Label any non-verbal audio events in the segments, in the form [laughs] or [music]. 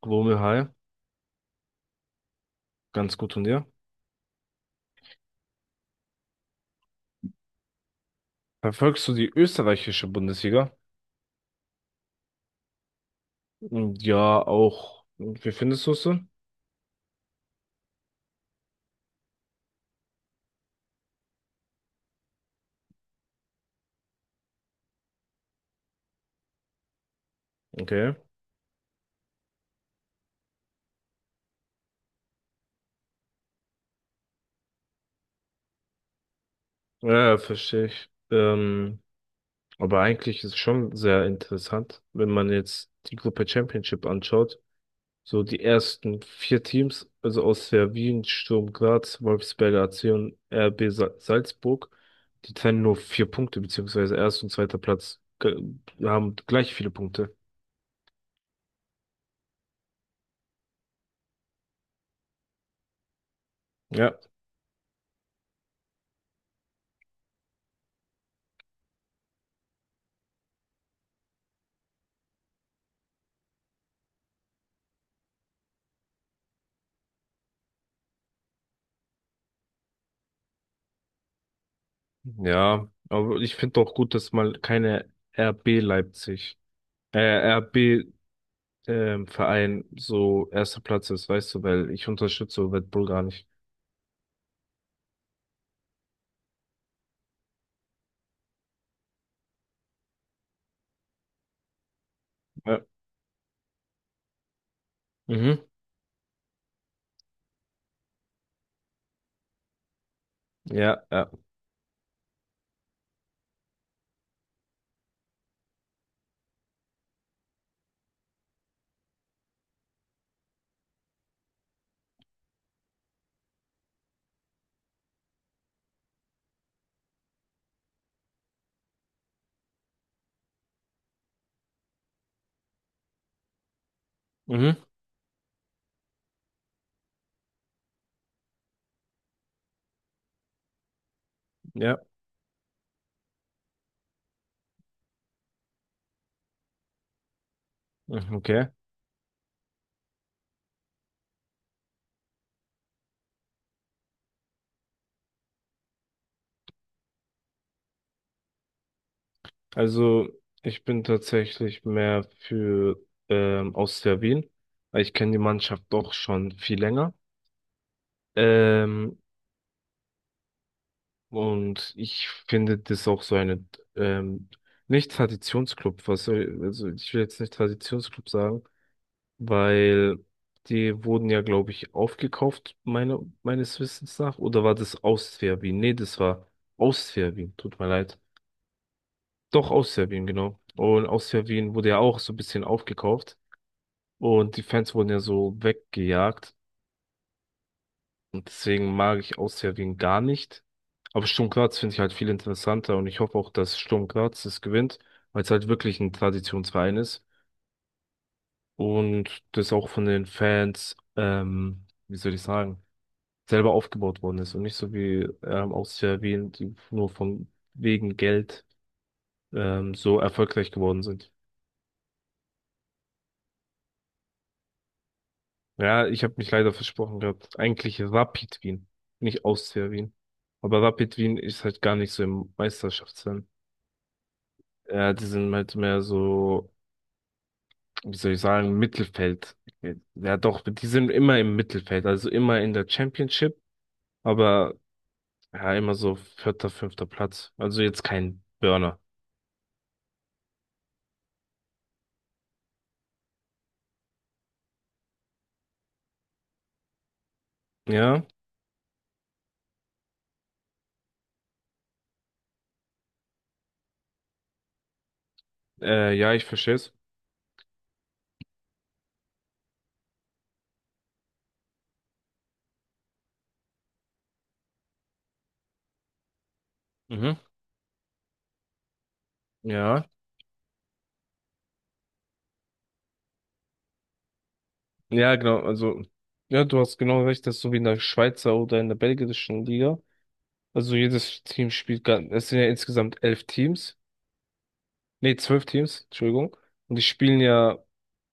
Global High, ganz gut und dir. Verfolgst du die österreichische Bundesliga? Mm, ja, auch. Wie findest du es so? Okay. Ja, ja, verstehe ich. Aber eigentlich ist es schon sehr interessant, wenn man jetzt die Gruppe Championship anschaut. So die ersten vier Teams, also aus der Wien, Sturm Graz, Wolfsberger AC und Salzburg, die trennen nur vier Punkte, beziehungsweise erster und zweiter Platz haben gleich viele Punkte. Ja. Ja, aber ich finde auch gut, dass mal keine RB Leipzig, äh, RB ähm, Verein so erster Platz ist, weißt du, weil ich unterstütze Red Bull gar nicht. Ja. Mhm. Ja, ja. Mhm. Ja. Mhm, okay. Also ich bin tatsächlich mehr für Austria Wien, weil ich kenne die Mannschaft doch schon viel länger. Ähm, Und ich finde das auch so eine, ähm, nicht Traditionsclub, was soll, also ich will jetzt nicht Traditionsclub sagen, weil die wurden ja, glaube ich, aufgekauft, meines Wissens nach, oder war das aus Serbien? Nee, das war aus Serbien, tut mir leid. Doch, aus Serbien, genau. Und aus Serbien wurde ja auch so ein bisschen aufgekauft und die Fans wurden ja so weggejagt. Und deswegen mag ich Austria-Wien gar nicht. Aber Sturm Graz finde ich halt viel interessanter und ich hoffe auch, dass Sturm Graz das gewinnt, weil es halt wirklich ein Traditionsverein ist und das auch von den Fans, wie soll ich sagen, selber aufgebaut worden ist und nicht so wie Austria Wien, die nur von wegen Geld so erfolgreich geworden sind. Ja, ich habe mich leider versprochen gehabt. Eigentlich Rapid Wien, nicht Austria Wien. Aber Rapid Wien ist halt gar nicht so im Meisterschaftsrennen. Ja, die sind halt mehr so, wie soll ich sagen, Mittelfeld. Ja, doch, die sind immer im Mittelfeld, also immer in der Championship, aber ja, immer so vierter, fünfter Platz. Also jetzt kein Burner. Ja, ja, ich verstehe es. Mhm. Ja, ja, genau. Also, ja, du hast genau recht, das ist so wie in der Schweizer oder in der belgischen Liga. Also jedes Team spielt, es sind ja insgesamt elf Teams, nee, zwölf Teams, Entschuldigung. Und die spielen ja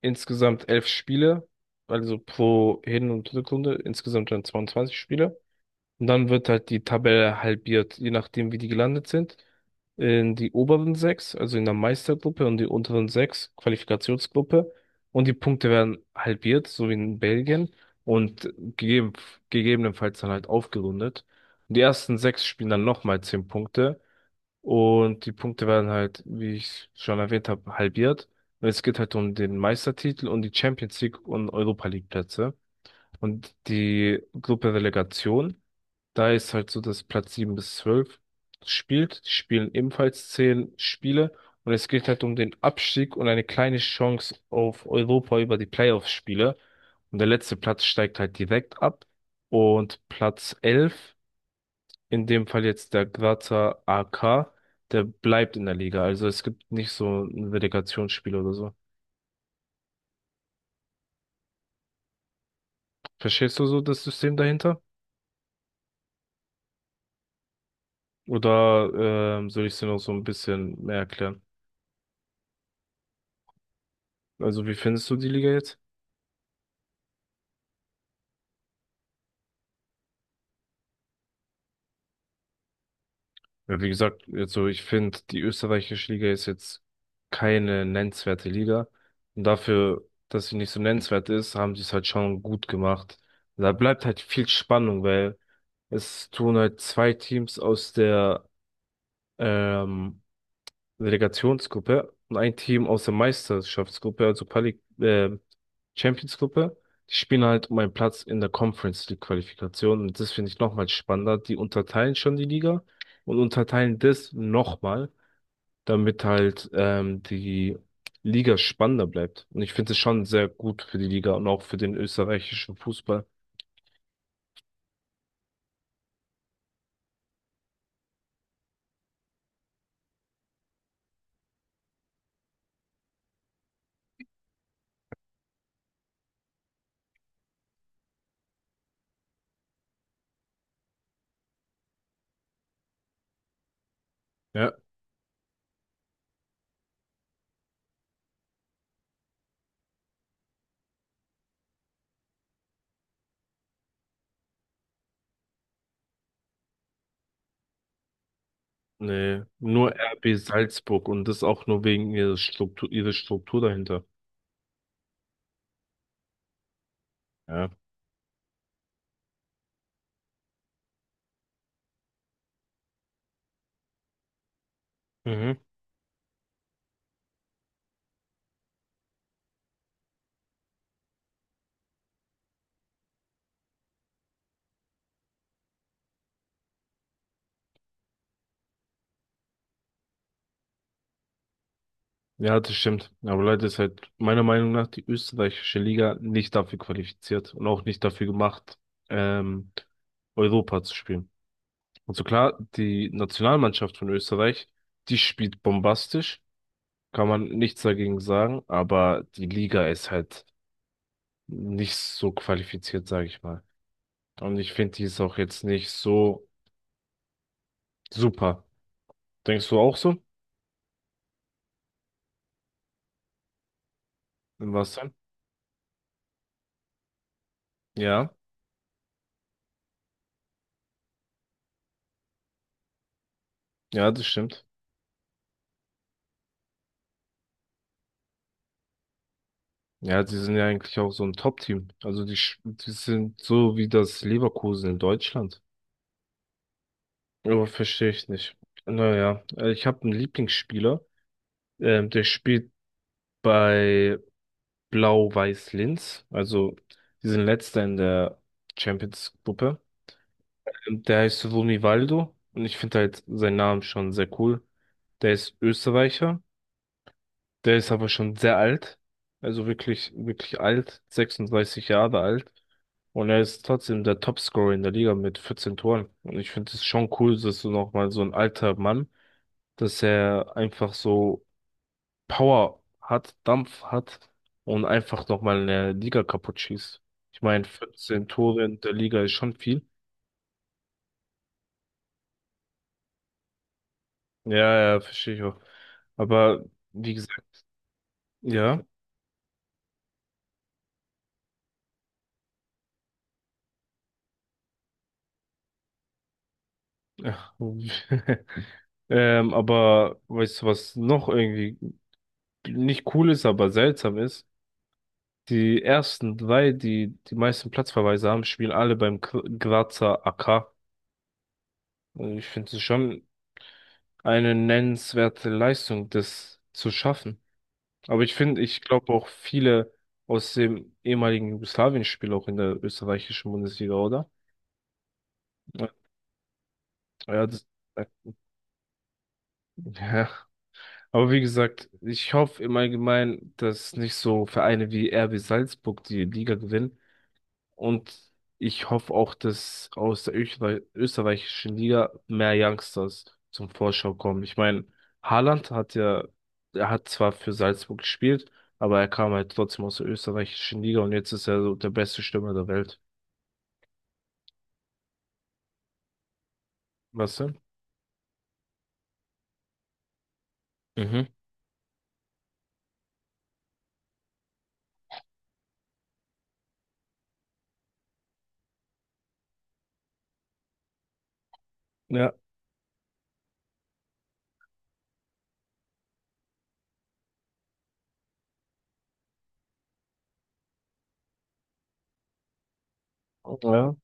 insgesamt elf Spiele, also pro Hin- und Rückrunde insgesamt dann 22 Spiele. Und dann wird halt die Tabelle halbiert, je nachdem, wie die gelandet sind. In die oberen sechs, also in der Meistergruppe und die unteren sechs, Qualifikationsgruppe. Und die Punkte werden halbiert, so wie in Belgien. Und gegeben, gegebenenfalls dann halt aufgerundet. Und die ersten sechs spielen dann nochmal zehn Punkte. Und die Punkte werden halt, wie ich schon erwähnt habe, halbiert. Und es geht halt um den Meistertitel und die Champions League und Europa League Plätze. Und die Gruppe Relegation, da ist halt so, dass Platz 7 bis 12 spielt. Die spielen ebenfalls 10 Spiele. Und es geht halt um den Abstieg und eine kleine Chance auf Europa über die Playoff-Spiele. Und der letzte Platz steigt halt direkt ab. Und Platz 11 in dem Fall jetzt der Grazer AK, der bleibt in der Liga. Also es gibt nicht so ein Relegationsspiel oder so. Verstehst du so das System dahinter? Oder soll ich es dir noch so ein bisschen mehr erklären? Also wie findest du die Liga jetzt? Ja, wie gesagt, also ich finde, die österreichische Liga ist jetzt keine nennenswerte Liga. Und dafür, dass sie nicht so nennenswert ist, haben sie es halt schon gut gemacht. Da bleibt halt viel Spannung, weil es tun halt zwei Teams aus der ähm, Relegationsgruppe und ein Team aus der Meisterschaftsgruppe, also Quali Champions-Gruppe. Die spielen halt um einen Platz in der Conference League Qualifikation und das finde ich nochmal spannender. Die unterteilen schon die Liga und unterteilen das nochmal, damit halt die Liga spannender bleibt. Und ich finde es schon sehr gut für die Liga und auch für den österreichischen Fußball. Ja. Nee, nur RB Salzburg und das auch nur wegen ihrer ihrer Struktur dahinter. Ja. Mhm. Ja, das stimmt. Aber Leute ist halt meiner Meinung nach die österreichische Liga nicht dafür qualifiziert und auch nicht dafür gemacht, ähm, Europa zu spielen. Und so klar, die Nationalmannschaft von Österreich, die spielt bombastisch, kann man nichts dagegen sagen, aber die Liga ist halt nicht so qualifiziert, sage ich mal. Und ich finde, die ist auch jetzt nicht so super. Denkst du auch so? Was denn? Ja, ja, das stimmt. Ja, die sind ja eigentlich auch so ein Top-Team. Also die sind so wie das Leverkusen in Deutschland. Aber verstehe ich nicht. Naja, ich habe einen Lieblingsspieler, der spielt bei Blau-Weiß Linz. Also die sind letzter in der Champions-Gruppe. Der heißt Vunivaldo und ich finde halt seinen Namen schon sehr cool. Der ist Österreicher. Der ist aber schon sehr alt. Also wirklich, wirklich alt. 36 Jahre alt. Und er ist trotzdem der Topscorer in der Liga mit 14 Toren. Und ich finde es schon cool, dass du nochmal so ein alter Mann, dass er einfach so Power hat, Dampf hat und einfach nochmal eine Liga kaputt schießt. Ich meine, 14 Tore in der Liga ist schon viel. Ja, ja, verstehe ich auch. Aber wie gesagt, ja. [laughs] Aber weißt du, was noch irgendwie nicht cool ist, aber seltsam ist. Die ersten drei, die die meisten Platzverweise haben, spielen alle beim Grazer AK. Und ich finde es schon eine nennenswerte Leistung, das zu schaffen. Aber ich finde, ich glaube auch viele aus dem ehemaligen Jugoslawien spielen auch in der österreichischen Bundesliga, oder? Ja, ja, äh, ja. Aber wie gesagt, ich hoffe im Allgemeinen, dass nicht so Vereine wie RB Salzburg die Liga gewinnen, und ich hoffe auch, dass aus der österreichischen Liga mehr Youngsters zum Vorschau kommen. Ich meine, Haaland hat ja, er hat zwar für Salzburg gespielt, aber er kam halt trotzdem aus der österreichischen Liga und jetzt ist er so der beste Stürmer der Welt. Weißt du? Mhm. Ja, ja.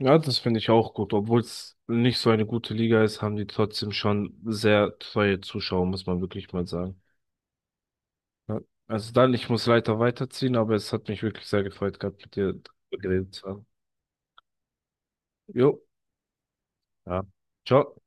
Ja, das finde ich auch gut. Obwohl es nicht so eine gute Liga ist, haben die trotzdem schon sehr treue Zuschauer, muss man wirklich mal sagen. Ja. Also dann, ich muss leider weiterziehen, aber es hat mich wirklich sehr gefreut gehabt, mit dir darüber geredet zu haben. Jo, ja. Ciao.